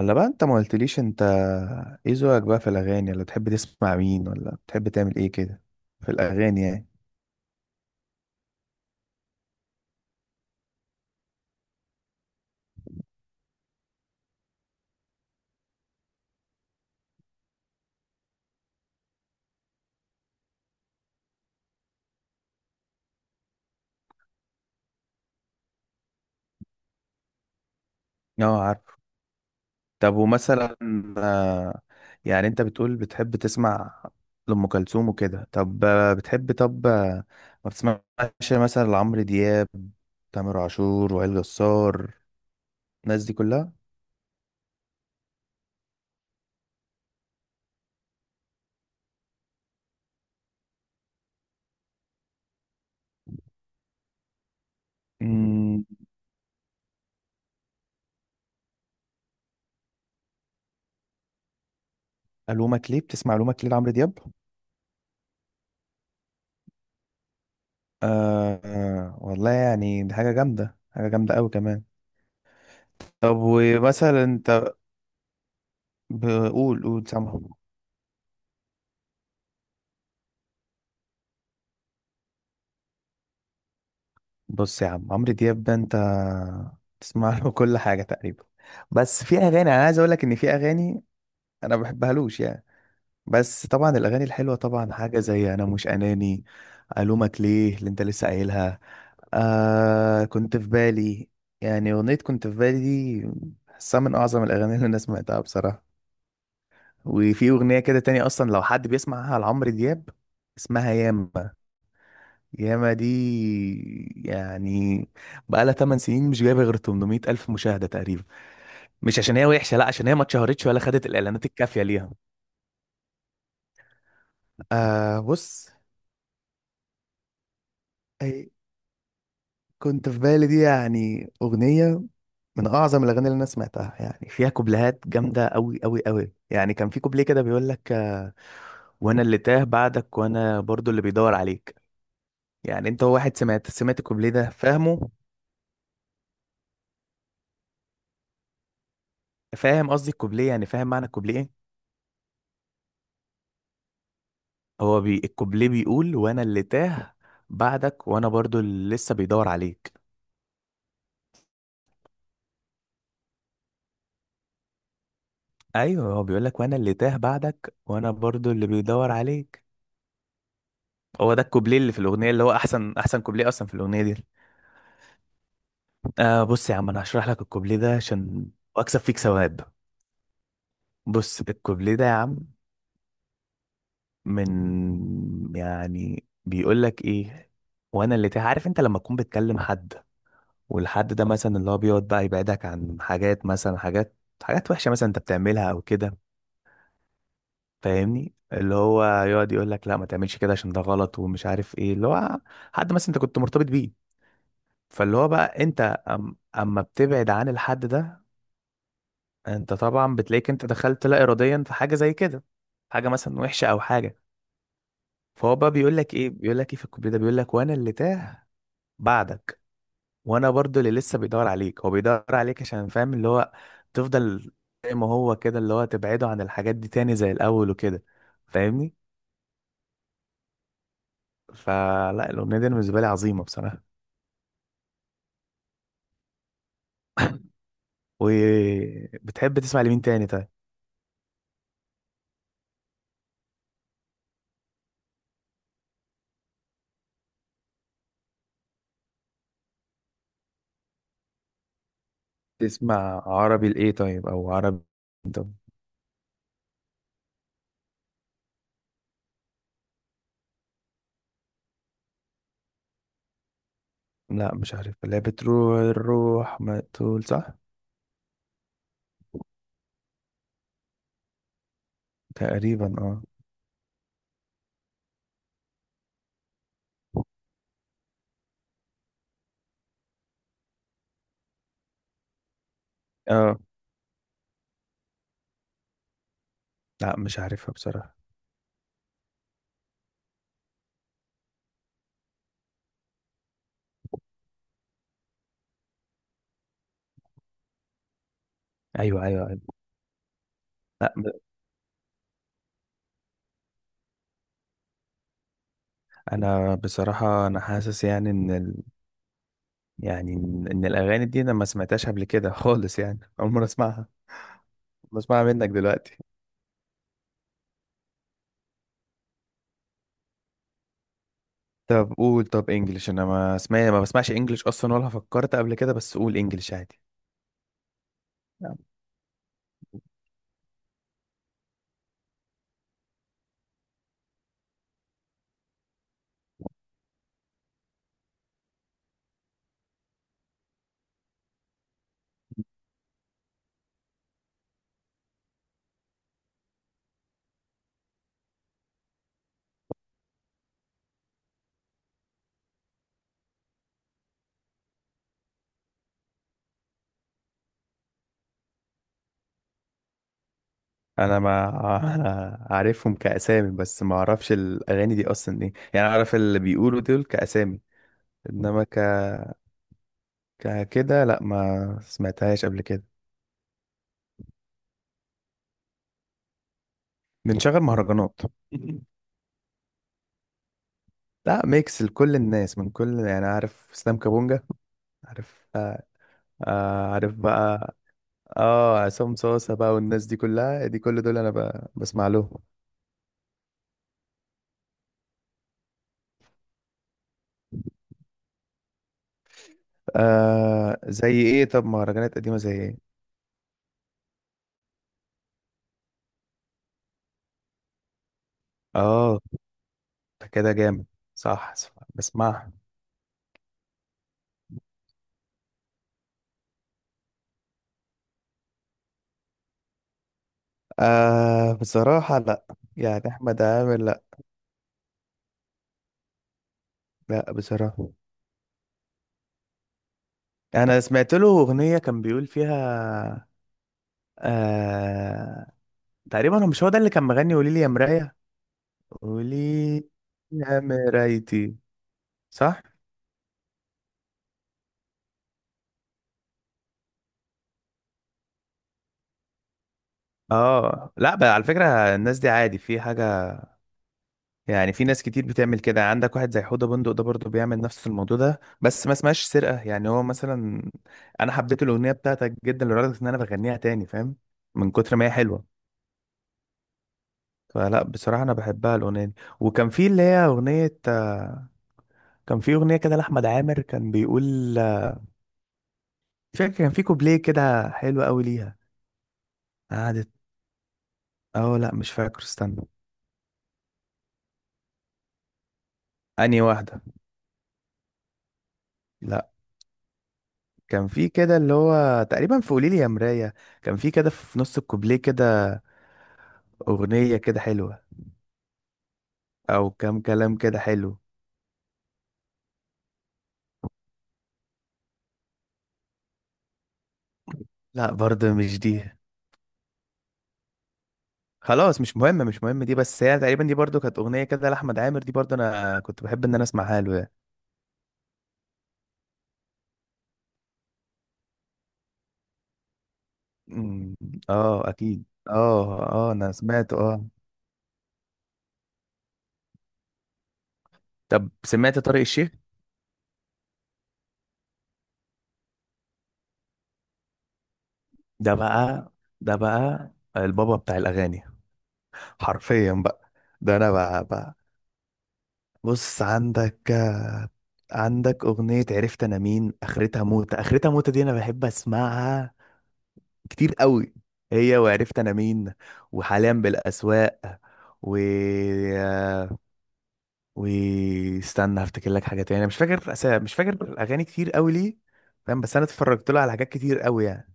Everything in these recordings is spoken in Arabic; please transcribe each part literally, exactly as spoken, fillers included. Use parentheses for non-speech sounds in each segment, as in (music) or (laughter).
الا بقى انت ما قلتليش انت ايه ذوقك بقى في الاغاني، ولا تحب تسمع مين، ولا بتحب تعمل ايه كده في الاغاني يعني؟ اه عارف. طب ومثلا آه، يعني انت بتقول بتحب تسمع لأم كلثوم وكده، طب آه، بتحب، طب آه، ما بتسمعش مثلا لعمرو دياب، تامر عاشور، وائل جسار، الناس دي كلها؟ امم ألومك ليه، بتسمع ألومك ليه لعمرو دياب؟ آه آه، والله يعني دي حاجة جامدة، حاجة جامدة أوي كمان. طب ومثلا انت، بقول قول سامع، بص يا عم، عمرو دياب ده انت تسمع له (laughs) كل حاجه تقريبا، بس في اغاني انا عايز اقول لك ان في اغاني انا ما بحبهالوش يعني. بس طبعا الاغاني الحلوه، طبعا حاجه زي انا مش اناني، الومك ليه اللي انت لسه قايلها، آه كنت في بالي، يعني اغنيه كنت في بالي دي بحسها من اعظم الاغاني اللي انا سمعتها بصراحه. وفي اغنيه كده تانية اصلا لو حد بيسمعها لعمرو دياب، اسمها ياما، ياما دي يعني بقالها تمن سنين مش جايبه غير تمنمية الف مشاهده تقريبا. مش عشان هي وحشه، لا، عشان هي ما اتشهرتش ولا خدت الاعلانات الكافيه ليها. آه بص، أي كنت في بالي دي يعني اغنيه من اعظم الاغاني اللي انا سمعتها، يعني فيها كوبليهات جامده قوي قوي قوي، يعني كان في كوبليه كده بيقول لك آه، وانا اللي تاه بعدك وانا برضو اللي بيدور عليك. يعني انت هو واحد سمعت سمعت الكوبليه ده فاهمه؟ فاهم قصدي الكوبليه، يعني فاهم معنى الكوبليه إيه؟ هو بي الكوبليه بيقول وانا اللي تاه بعدك وانا برضو اللي لسه بيدور عليك. ايوه هو بيقول لك وانا اللي تاه بعدك وانا برضو اللي بيدور عليك. هو ده الكوبليه اللي في الاغنيه، اللي هو احسن احسن كوبليه اصلا في الاغنيه دي. آه بص يا عم، انا هشرح لك الكوبليه ده عشان اكسب فيك ثواب. بص الكوبليه ده يا عم، من يعني بيقول لك ايه، وانا اللي تاه، عارف انت لما تكون بتكلم حد والحد ده مثلا اللي هو بيقعد بقى يبعدك عن حاجات، مثلا حاجات حاجات وحشه مثلا انت بتعملها او كده، فاهمني، اللي هو يقعد يقول لك لا ما تعملش كده عشان ده غلط، ومش عارف ايه اللي هو، حد مثلا انت كنت مرتبط بيه. فاللي هو بقى انت أم اما بتبعد عن الحد ده، انت طبعا بتلاقيك انت دخلت لا اراديا في حاجه زي كده، حاجه مثلا وحشه او حاجه، فهو بقى بيقول لك ايه، بيقول لك ايه في الكوبليه ده، بيقول لك وانا اللي تاه بعدك وانا برضو اللي لسه بيدور عليك. هو بيدور عليك عشان فاهم اللي هو تفضل زي ما هو كده، اللي هو تبعده عن الحاجات دي تاني زي الاول وكده، فاهمني. فلا الأغنية دي أنا بالنسبة لي عظيمة بصراحة. وبتحب تسمع لمين تاني طيب؟ تسمع عربي لإيه طيب، أو عربي، طب، لا مش عارف، اللي هي بتروح الروح ما تقول، صح؟ تقريبا اه. اه لا مش عارفها بصراحة. أيوه أيوه أيوه، لا ب... أنا بصراحة أنا حاسس يعني إن ال... يعني إن إن الأغاني دي أنا ما سمعتهاش قبل كده خالص، يعني أول مرة أسمعها، بسمعها منك دلوقتي. طب قول، طب انجلش، انا ما اسمع، ما بسمعش انجلش اصلا ولا فكرت قبل كده، بس قول انجلش عادي. انا ما (laughs) عارفهم كاسامي، بس ما اعرفش الاغاني دي اصلا ايه يعني، اعرف اللي بيقولوا دول كاسامي، انما ك... ك- كده، لا ما سمعتهاش قبل كده. بنشغل مهرجانات. (laughs) لا ميكس لكل الناس، من كل، يعني عارف اسلام كابونجا؟ عارف آه، آه، عارف بقى. اه عصام صاصة بقى، والناس دي كلها، دي كل دول انا ب... بسمع لهم. آه زي ايه طب؟ مهرجانات قديمة زي ايه؟ اه ده كده جامد، صح صح، بسمعها. آه بصراحة لا. يعني أحمد عامر لا. لا بصراحة. أنا سمعت له أغنية كان بيقول فيها آه، تقريبا هو، مش هو ده اللي كان مغني قولي لي يا مراية، قولي يا مرايتي، صح؟ اه لا بقى على فكرة، الناس دي عادي، في حاجة، يعني في ناس كتير بتعمل كده، عندك واحد زي حوده بندق ده برضه بيعمل نفس الموضوع ده، بس ما اسمهاش سرقة، يعني هو مثلا أنا حبيت الأغنية بتاعتك جدا لدرجة إن أنا بغنيها تاني، فاهم؟ من كتر ما هي حلوة. فلا بصراحة أنا بحبها الأغنية دي. وكان في اللي هي أغنية آه، كان في أغنية كده لأحمد عامر كان بيقول آه، مش فاكر، كان في كوبليه كده حلو أوي ليها، قعدت، أه لأ مش فاكر، استنى. أنهي واحدة؟ لأ، كان في كده اللي هو تقريبا في قوليلي يا مراية، كان في كده في نص الكوبليه كده، أغنية كده حلوة، أو كام كلام كده حلو. لأ برضه مش دي. خلاص مش مهم، مش مهم دي، بس هي تقريبا دي برضه كانت أغنية كده لأحمد عامر، دي برضه أنا كنت بحب إن أنا أسمعها له يعني. مم. اه اكيد، اه اه انا سمعت اه. طب سمعت طارق الشيخ؟ ده بقى، ده بقى البابا بتاع الاغاني حرفيا بقى، ده انا بقى, بقى بص عندك آه، عندك اغنية عرفت انا مين، اخرتها موتة، اخرتها موتة دي انا بحب اسمعها كتير قوي، هي وعرفت انا مين، وحاليا بالاسواق، و واستنى هفتكر لك حاجه تاني، انا مش فاكر أسا... مش فاكر اغاني كتير قوي ليه، فاهم، بس انا اتفرجت له على حاجات كتير قوي يعني،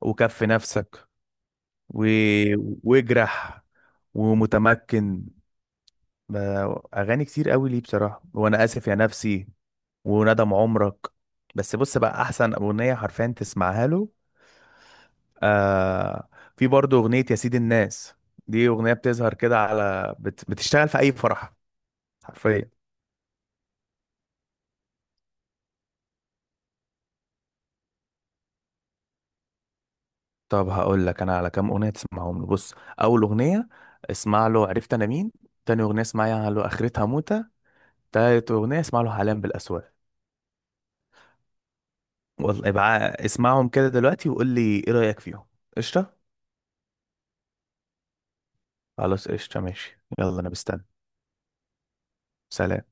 وكف نفسك، و... واجرح ومتمكن، ب- اغاني كتير قوي ليه بصراحه، وانا اسف يا نفسي، وندم عمرك، بس بص بقى احسن اغنيه حرفيا تسمعها له آه... في برضه اغنيه يا سيد الناس، دي اغنيه بتظهر كده على بت... بتشتغل في اي فرح حرفيا. طب هقول لك انا على كام اغنيه تسمعهم له، بص، اول اغنيه اسمع له عرفت انا مين، تاني اغنيه اسمعها له اخرتها موتة، تالت اغنيه اسمع له حلام بالاسواق. والله ابقى اسمعهم كده دلوقتي وقول لي ايه رايك فيهم. قشطه، خلاص قشطه، ماشي، يلا انا مستني. سلام.